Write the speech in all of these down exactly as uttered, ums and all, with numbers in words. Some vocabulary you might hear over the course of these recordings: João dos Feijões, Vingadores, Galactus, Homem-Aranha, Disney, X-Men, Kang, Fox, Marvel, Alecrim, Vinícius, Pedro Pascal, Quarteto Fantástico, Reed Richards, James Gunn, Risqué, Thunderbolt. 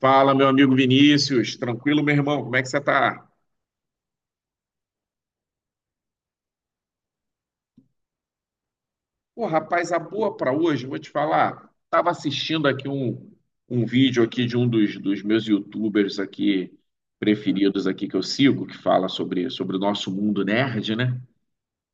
Fala, meu amigo Vinícius. Tranquilo, meu irmão? Como é que você tá? Pô, rapaz, a boa pra hoje, vou te falar. Tava assistindo aqui um, um vídeo aqui de um dos, dos meus YouTubers aqui preferidos aqui que eu sigo, que fala sobre, sobre o nosso mundo nerd, né?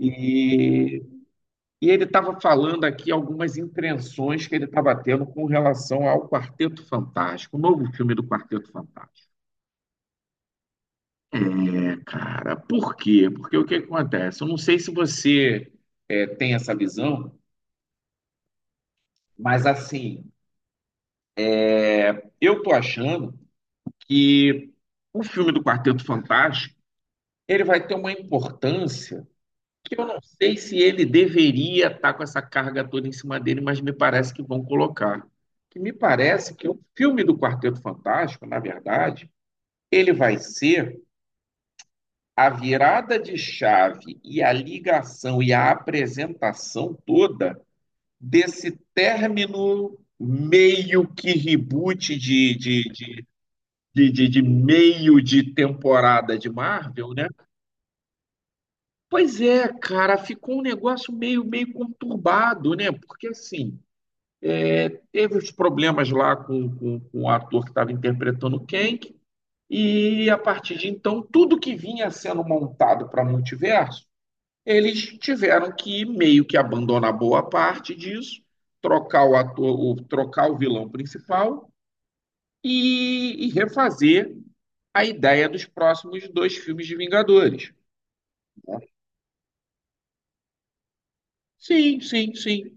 E, e ele tava falando aqui algumas impressões que ele tava tendo com relação ao Quarteto Fantástico, o novo filme do Quarteto Fantástico. É, cara, por quê? Porque o que acontece? Eu não sei se você tem essa visão, mas assim, eu tô achando que o filme do Quarteto Fantástico, ele vai ter uma importância que eu não sei se ele deveria estar com essa carga toda em cima dele, mas me parece que vão colocar. Que me parece que o filme do Quarteto Fantástico, na verdade, ele vai ser a virada de chave e a ligação e a apresentação toda desse término meio que reboot de, de, de, de, de- de meio de temporada de Marvel, né? Pois é, cara, ficou um negócio meio, meio conturbado, né? Porque assim, teve os problemas lá com, com, com o ator que estava interpretando o Kang, e a partir de então, tudo que vinha sendo montado para multiverso, eles tiveram que meio que abandonar boa parte disso, trocar o ator, o, trocar o vilão principal e, e refazer a ideia dos próximos dois filmes de Vingadores. Né? Sim, sim, sim.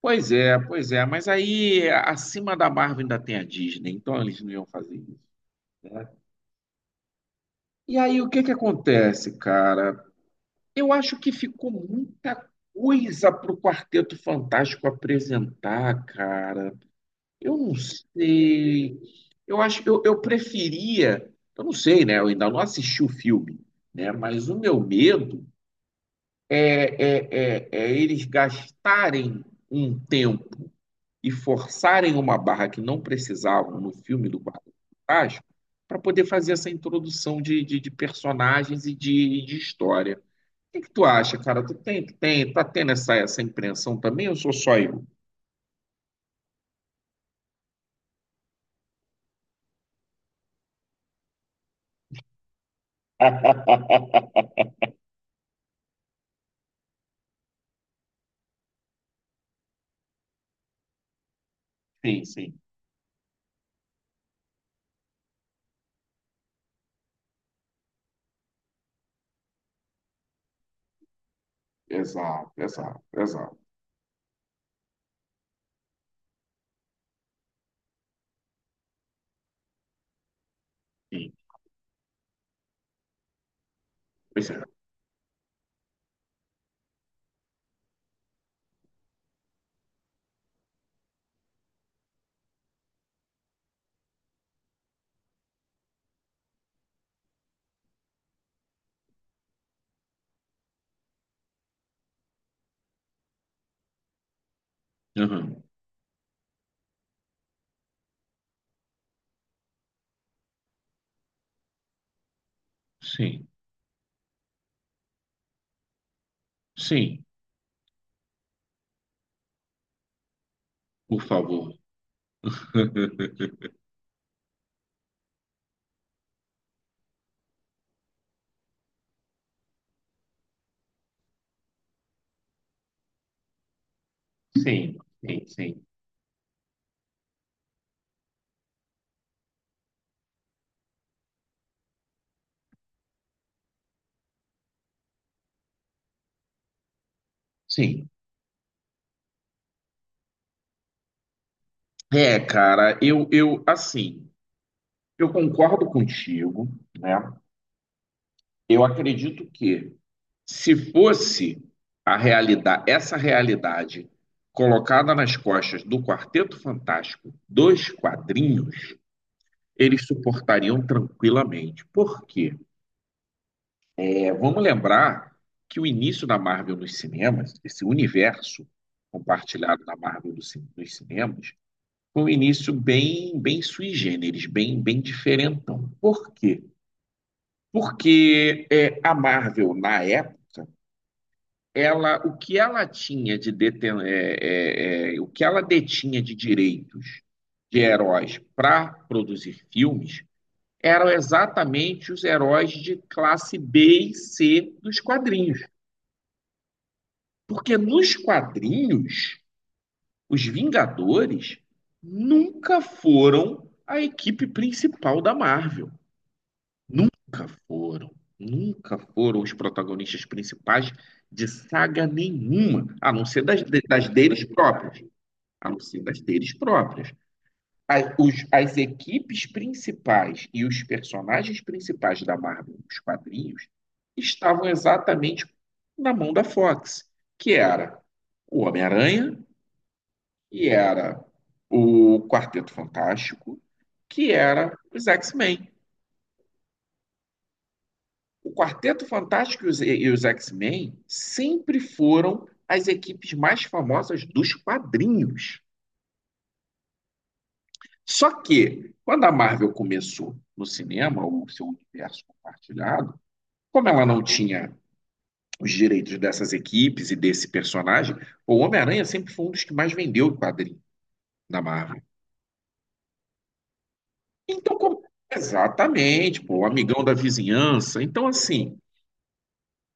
Pois é, pois é. Mas aí, acima da Marvel ainda tem a Disney, então eles não iam fazer isso. né? E aí, o que que acontece, cara? Eu acho que ficou muita coisa pro Quarteto Fantástico apresentar, cara. Eu não sei. Eu acho, eu, eu preferia. Eu não sei, né? Eu ainda não assisti o filme, né? Mas o meu medo é, é, é é eles gastarem um tempo e forçarem uma barra que não precisavam no filme do Quarteto Fantástico para poder fazer essa introdução de, de, de personagens e de, de história. O que, que tu acha, cara? Tu tem, tem, tá tendo essa, essa impressão também ou sou só eu? Sim, sim. Exato, exato, exato. Sim, pois é. Aham. Sim, sim, por favor. Sim, sim, sim, sim. É, cara, eu, eu assim, eu concordo contigo, né? Eu acredito que se fosse a realidade, essa realidade colocada nas costas do Quarteto Fantástico, dos quadrinhos, eles suportariam tranquilamente. Por quê? É, vamos lembrar que o início da Marvel nos cinemas, esse universo compartilhado da Marvel dos cin- nos cinemas, com um início bem, bem sui generis, bem, bem diferentão. Por quê? Porque é, a Marvel, na época, ela, o que ela tinha de deten é, é, é, o que ela detinha de direitos de heróis para produzir filmes eram exatamente os heróis de classe B e C dos quadrinhos. Porque nos quadrinhos, os Vingadores nunca foram a equipe principal da Marvel. Nunca foram, nunca foram os protagonistas principais de saga nenhuma, a não ser das, de- das deles próprias, a não ser das deles próprias. As, os- as equipes principais e os personagens principais da Marvel, os quadrinhos, estavam exatamente na mão da Fox, que era o Homem-Aranha, que era o Quarteto Fantástico, que era os X-Men. O Quarteto Fantástico e os, e os X-Men sempre foram as equipes mais famosas dos quadrinhos. Só que, quando a Marvel começou no cinema, o seu universo compartilhado, como ela não tinha os direitos dessas equipes e desse personagem, o Homem-Aranha sempre foi um dos que mais vendeu o quadrinho da Marvel. Então, como... exatamente, pô, o amigão da vizinhança. Então, assim,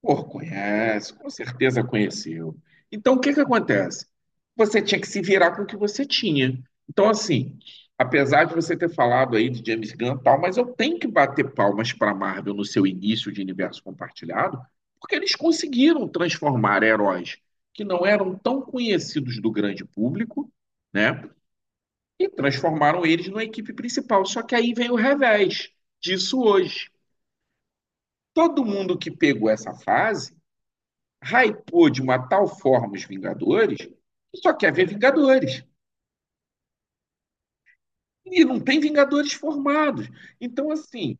pô, conhece, com certeza conheceu. Então, o que que acontece? Você tinha que se virar com o que você tinha. Então, assim, apesar de você ter falado aí de James Gunn e tal, mas eu tenho que bater palmas para Marvel no seu início de universo compartilhado, porque eles conseguiram transformar heróis que não eram tão conhecidos do grande público, né? E transformaram eles numa equipe principal. Só que aí vem o revés disso hoje. Todo mundo que pegou essa fase hypou de uma tal forma os Vingadores que só quer ver Vingadores. E não tem Vingadores formados. Então, assim,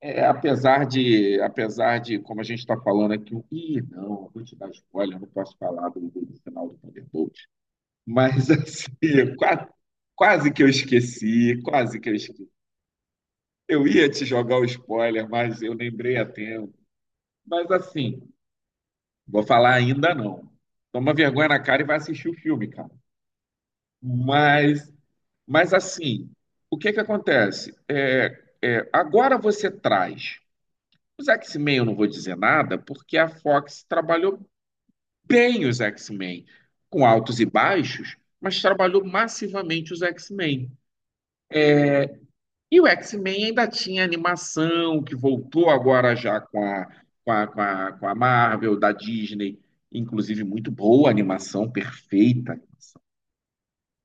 é, apesar de, apesar de, como a gente está falando aqui, o- ih, não, eu vou te dar spoiler, eu não posso falar do, do final do Thunderbolt. Mas, assim, quase, quase que eu esqueci, quase que eu esqueci. Eu ia te jogar o spoiler, mas eu lembrei a tempo. Mas, assim, vou falar ainda não. Toma vergonha na cara e vai assistir o filme, cara. Mas Mas assim, o que que acontece? É, é, agora você traz. Os X-Men eu não vou dizer nada, porque a Fox trabalhou bem os X-Men, com altos e baixos, mas trabalhou massivamente os X-Men. E o X-Men ainda tinha animação, que voltou agora já com a, com a, com a, com a Marvel, da Disney, inclusive muito boa a animação, perfeita,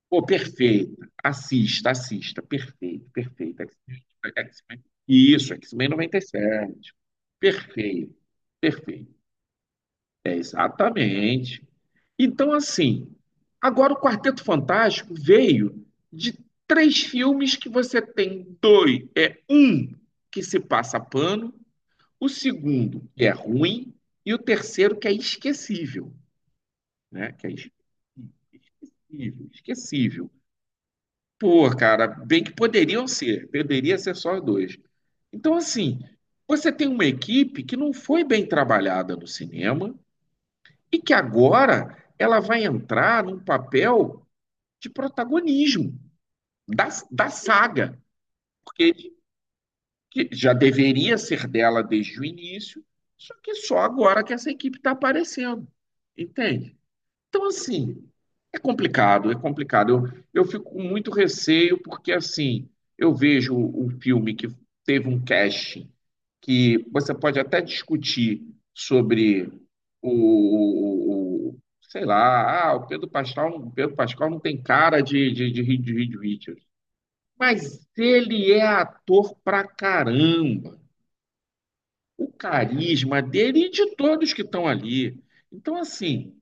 pô, perfeito. Assista, assista. Perfeito, perfeito. X-Men, X-Men. Isso, X-Men noventa e sete, perfeito, perfeito. Exatamente. Então, assim, agora o Quarteto Fantástico veio de três filmes que você tem dois. É um que se passa pano, o segundo que é ruim, e o terceiro que é esquecível, né? Que é esquecível, esquecível. Pô, cara, bem que poderiam ser, poderia ser só dois. Então, assim, você tem uma equipe que não foi bem trabalhada no cinema e que agora ela vai entrar num papel de protagonismo da, da saga, porque que já deveria ser dela desde o início, só que só agora que essa equipe está aparecendo, entende? Então, assim, é complicado, é complicado. Eu, eu fico com muito receio, porque, assim, eu vejo um filme que teve um casting, que você pode até discutir sobre o, o- o- sei lá, ah, o Pedro Pascal, o Pedro Pascal não tem cara de, de, de, Reed- de Reed Richards. Mas ele é ator pra caramba. O carisma dele e de todos que estão ali. Então, assim.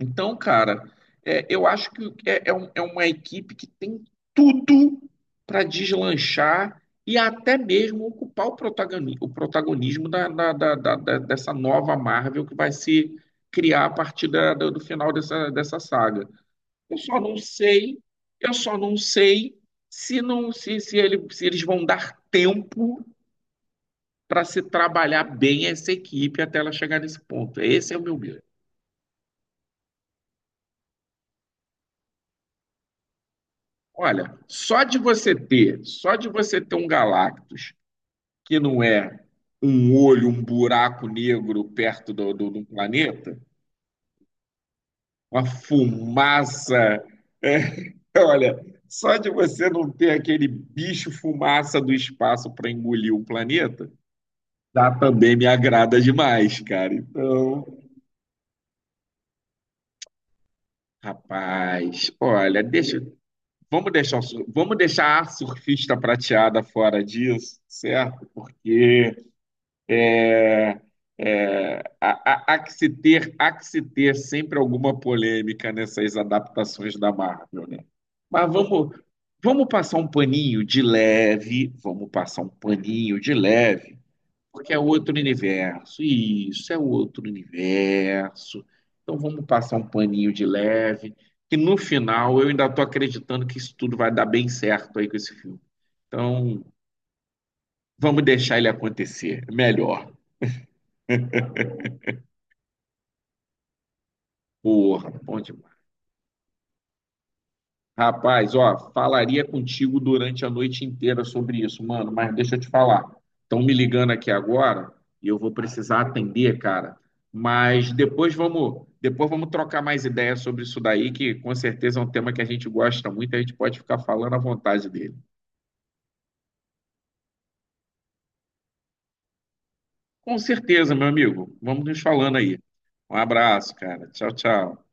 Então, cara, é, eu acho que é, é um- é uma equipe que tem tudo para deslanchar e até mesmo ocupar o protagoni- o protagonismo da- da- da- da- da- dessa nova Marvel que vai se criar a partir da- da- do final dessa, dessa saga. Eu só não sei, eu só não sei se não se, se ele- se eles vão dar tempo para se trabalhar bem essa equipe até ela chegar nesse ponto. Esse é o meu medo. Olha, só de você ter, só de você ter um Galactus que não é um olho, um buraco negro perto do, do, do planeta, uma fumaça. É, olha, só de você não ter aquele bicho fumaça do espaço para engolir o planeta, já também me agrada demais, cara. Então, rapaz, olha, deixa, vamos deixar, o sur- vamos deixar a surfista prateada fora disso, certo? Porque é, Há, há, há que se ter, há que se ter sempre alguma polêmica nessas adaptações da Marvel, né? Mas vamos, vamos passar um paninho de leve, vamos passar um paninho de leve, porque é outro universo, isso é outro universo. Então vamos passar um paninho de leve, que no final eu ainda estou acreditando que isso tudo vai dar bem certo aí com esse filme. Então vamos deixar ele acontecer, melhor. Porra, bom demais. Rapaz, ó, falaria contigo durante a noite inteira sobre isso, mano, mas deixa eu te falar. Estão me ligando aqui agora e eu vou precisar atender, cara. Mas depois vamos, depois vamos trocar mais ideias sobre isso daí, que com certeza é um tema que a gente gosta muito, a gente pode ficar falando à vontade dele. Com certeza, meu amigo. Vamos nos falando aí. Um abraço, cara. Tchau, tchau.